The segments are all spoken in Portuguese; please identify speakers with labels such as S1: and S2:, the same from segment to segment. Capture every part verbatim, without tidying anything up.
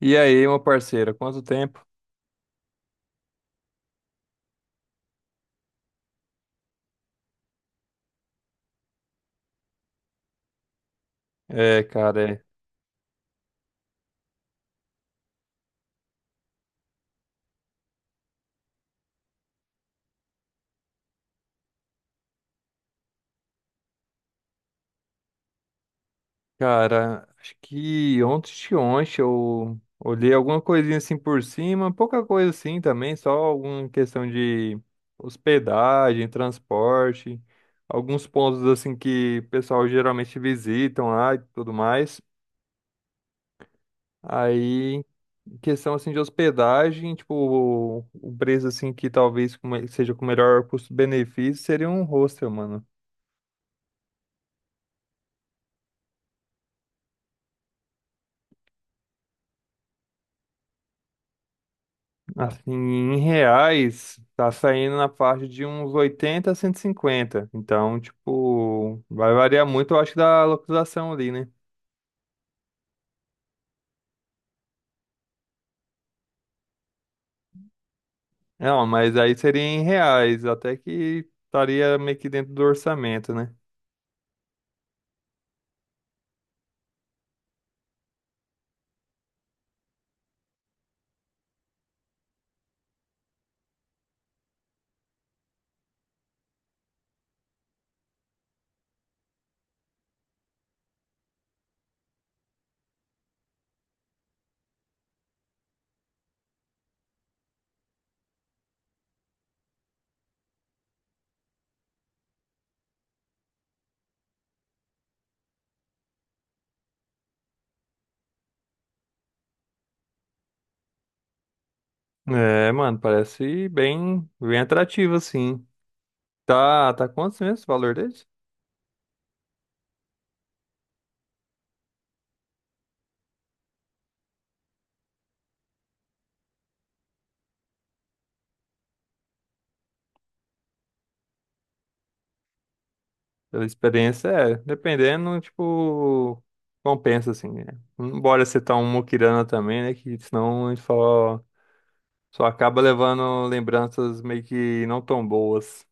S1: E aí, meu parceiro, quanto tempo? É, cara, é. Cara, acho que ontem de ontem eu olhei alguma coisinha assim por cima, pouca coisa assim também, só alguma questão de hospedagem, transporte, alguns pontos assim que o pessoal geralmente visitam lá e tudo mais. Aí, em questão assim de hospedagem, tipo, o preço assim que talvez com- seja com o melhor custo-benefício seria um hostel, mano. Assim, em reais, tá saindo na faixa de uns oitenta a cento e cinquenta. Então, tipo, vai variar muito, eu acho, da localização ali, né? Não, mas aí seria em reais, até que estaria meio que dentro do orçamento, né? É, mano, parece bem, bem atrativo, assim. Tá, tá quantos mesmo o valor desse? Pela experiência, é, dependendo, tipo, compensa, assim, né? Não bora ser tão muquirana também, né? Que senão a gente fala, ó, só acaba levando lembranças meio que não tão boas.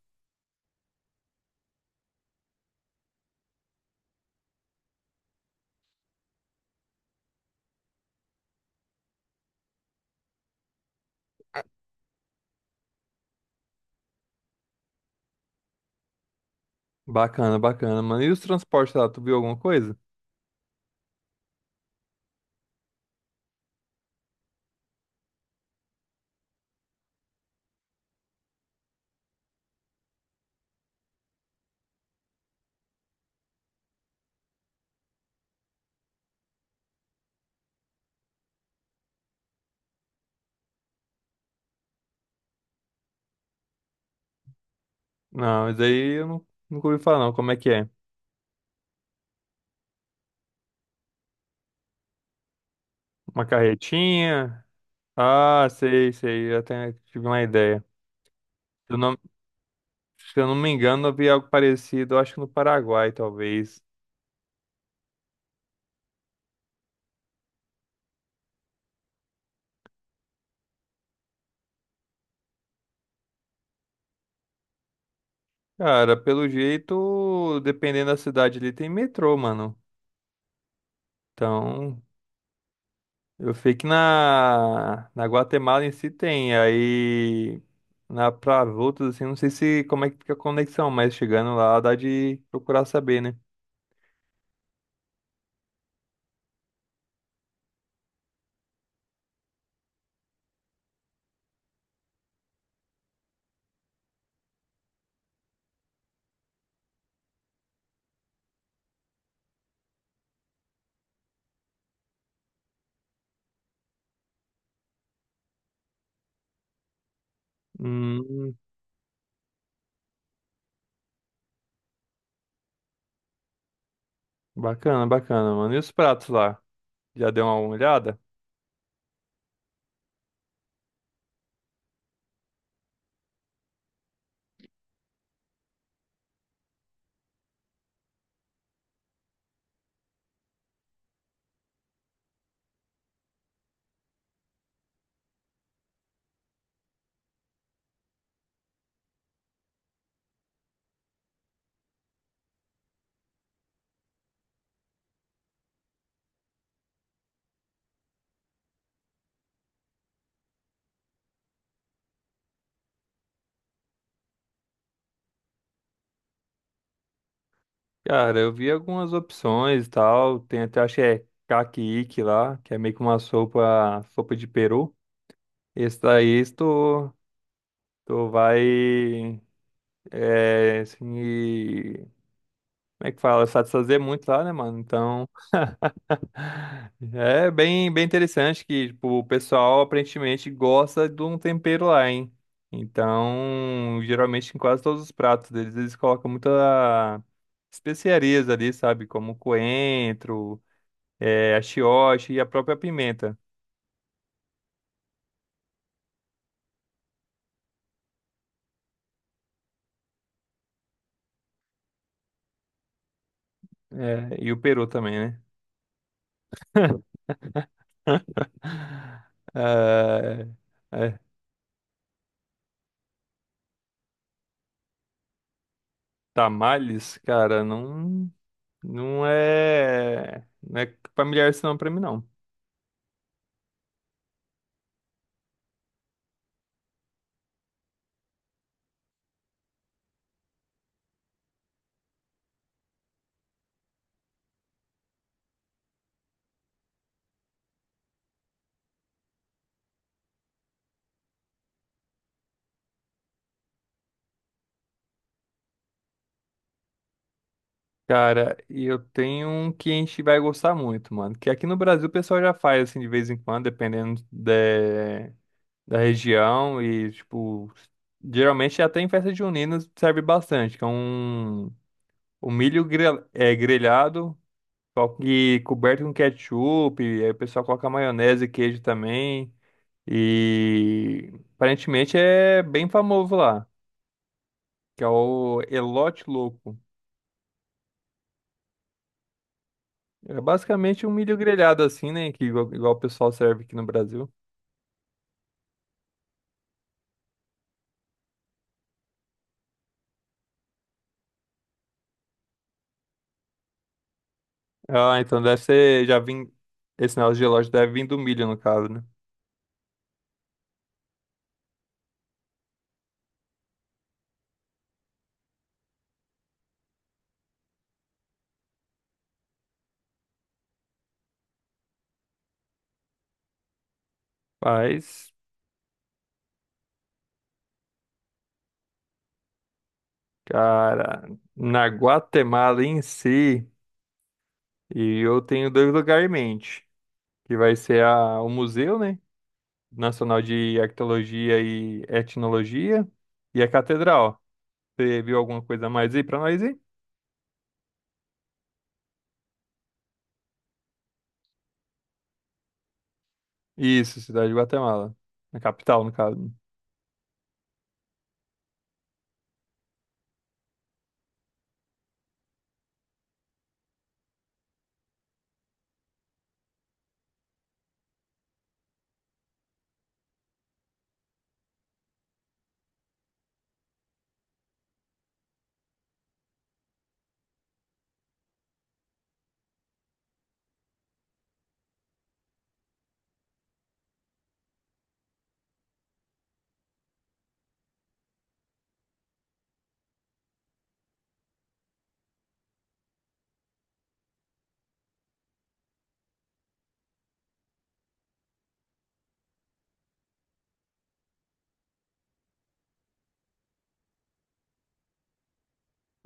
S1: Bacana, bacana, mano. E os transportes lá, tu viu alguma coisa? Não, isso aí eu não, nunca ouvi falar, não. Como é que é? Uma carretinha? Ah, sei, sei. Eu até tive uma ideia. Se eu não, se eu não me engano, eu vi algo parecido, eu acho que no Paraguai, talvez. Cara, pelo jeito, dependendo da cidade ali, tem metrô, mano. Então, eu sei que na, na Guatemala em si tem, aí na para outros assim, não sei se como é que fica a conexão, mas chegando lá dá de procurar saber, né? Hum, bacana, bacana, mano. E os pratos lá? Já deu uma olhada? Cara, eu vi algumas opções e tal. Tem até, acho que é caquique lá, que é meio que uma sopa, sopa de peru. Esse daí tu, tu vai, é, assim, como é que fala? Satisfazer muito lá, né, mano? Então, é bem, bem interessante que tipo, o pessoal aparentemente gosta de um tempero lá, hein? Então, geralmente em quase todos os pratos deles, eles colocam muita especiarias ali, sabe? Como coentro, é, achiote e a própria pimenta. É, e o peru também, né? Ah, é, tamales, cara, não, não é, não é familiar isso não pra mim, não. Cara, e eu tenho um que a gente vai gostar muito, mano. Que aqui no Brasil o pessoal já faz, assim, de vez em quando, dependendo da, da região. E, tipo, geralmente até em festa junina serve bastante. Que é um, um milho grel- é, grelhado só que coberto com ketchup. E aí o pessoal coloca maionese e queijo também. E aparentemente é bem famoso lá. Que é o Elote Louco. É basicamente um milho grelhado assim, né? Que igual, igual o pessoal serve aqui no Brasil. Ah, então deve ser, já vim, esse negócio de gelógio deve vir do milho, no caso, né? Mas, cara, na Guatemala em si, e eu tenho dois lugares em mente, que vai ser a, o Museu, né? Nacional de Arqueologia e Etnologia e a Catedral. Você viu alguma coisa a mais aí pra nós aí? Isso, cidade de Guatemala, na capital, no caso.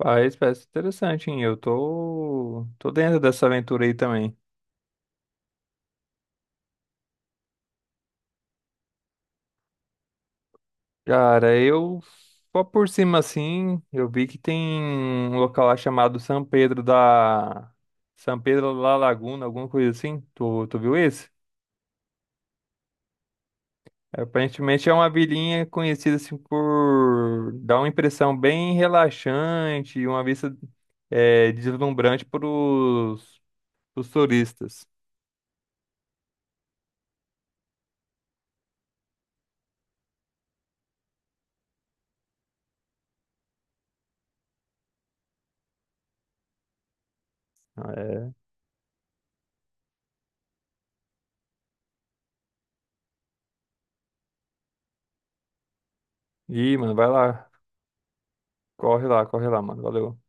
S1: Faz, parece interessante, hein? Eu tô, tô dentro dessa aventura aí também. Cara, eu só por cima assim, eu vi que tem um local lá chamado São Pedro da São Pedro da Laguna, alguma coisa assim. Tu, tu viu esse? Aparentemente é uma vilinha conhecida assim por dar uma impressão bem relaxante, e uma vista é, deslumbrante para os turistas. É, ih, mano, vai lá. Corre lá, corre lá, mano. Valeu.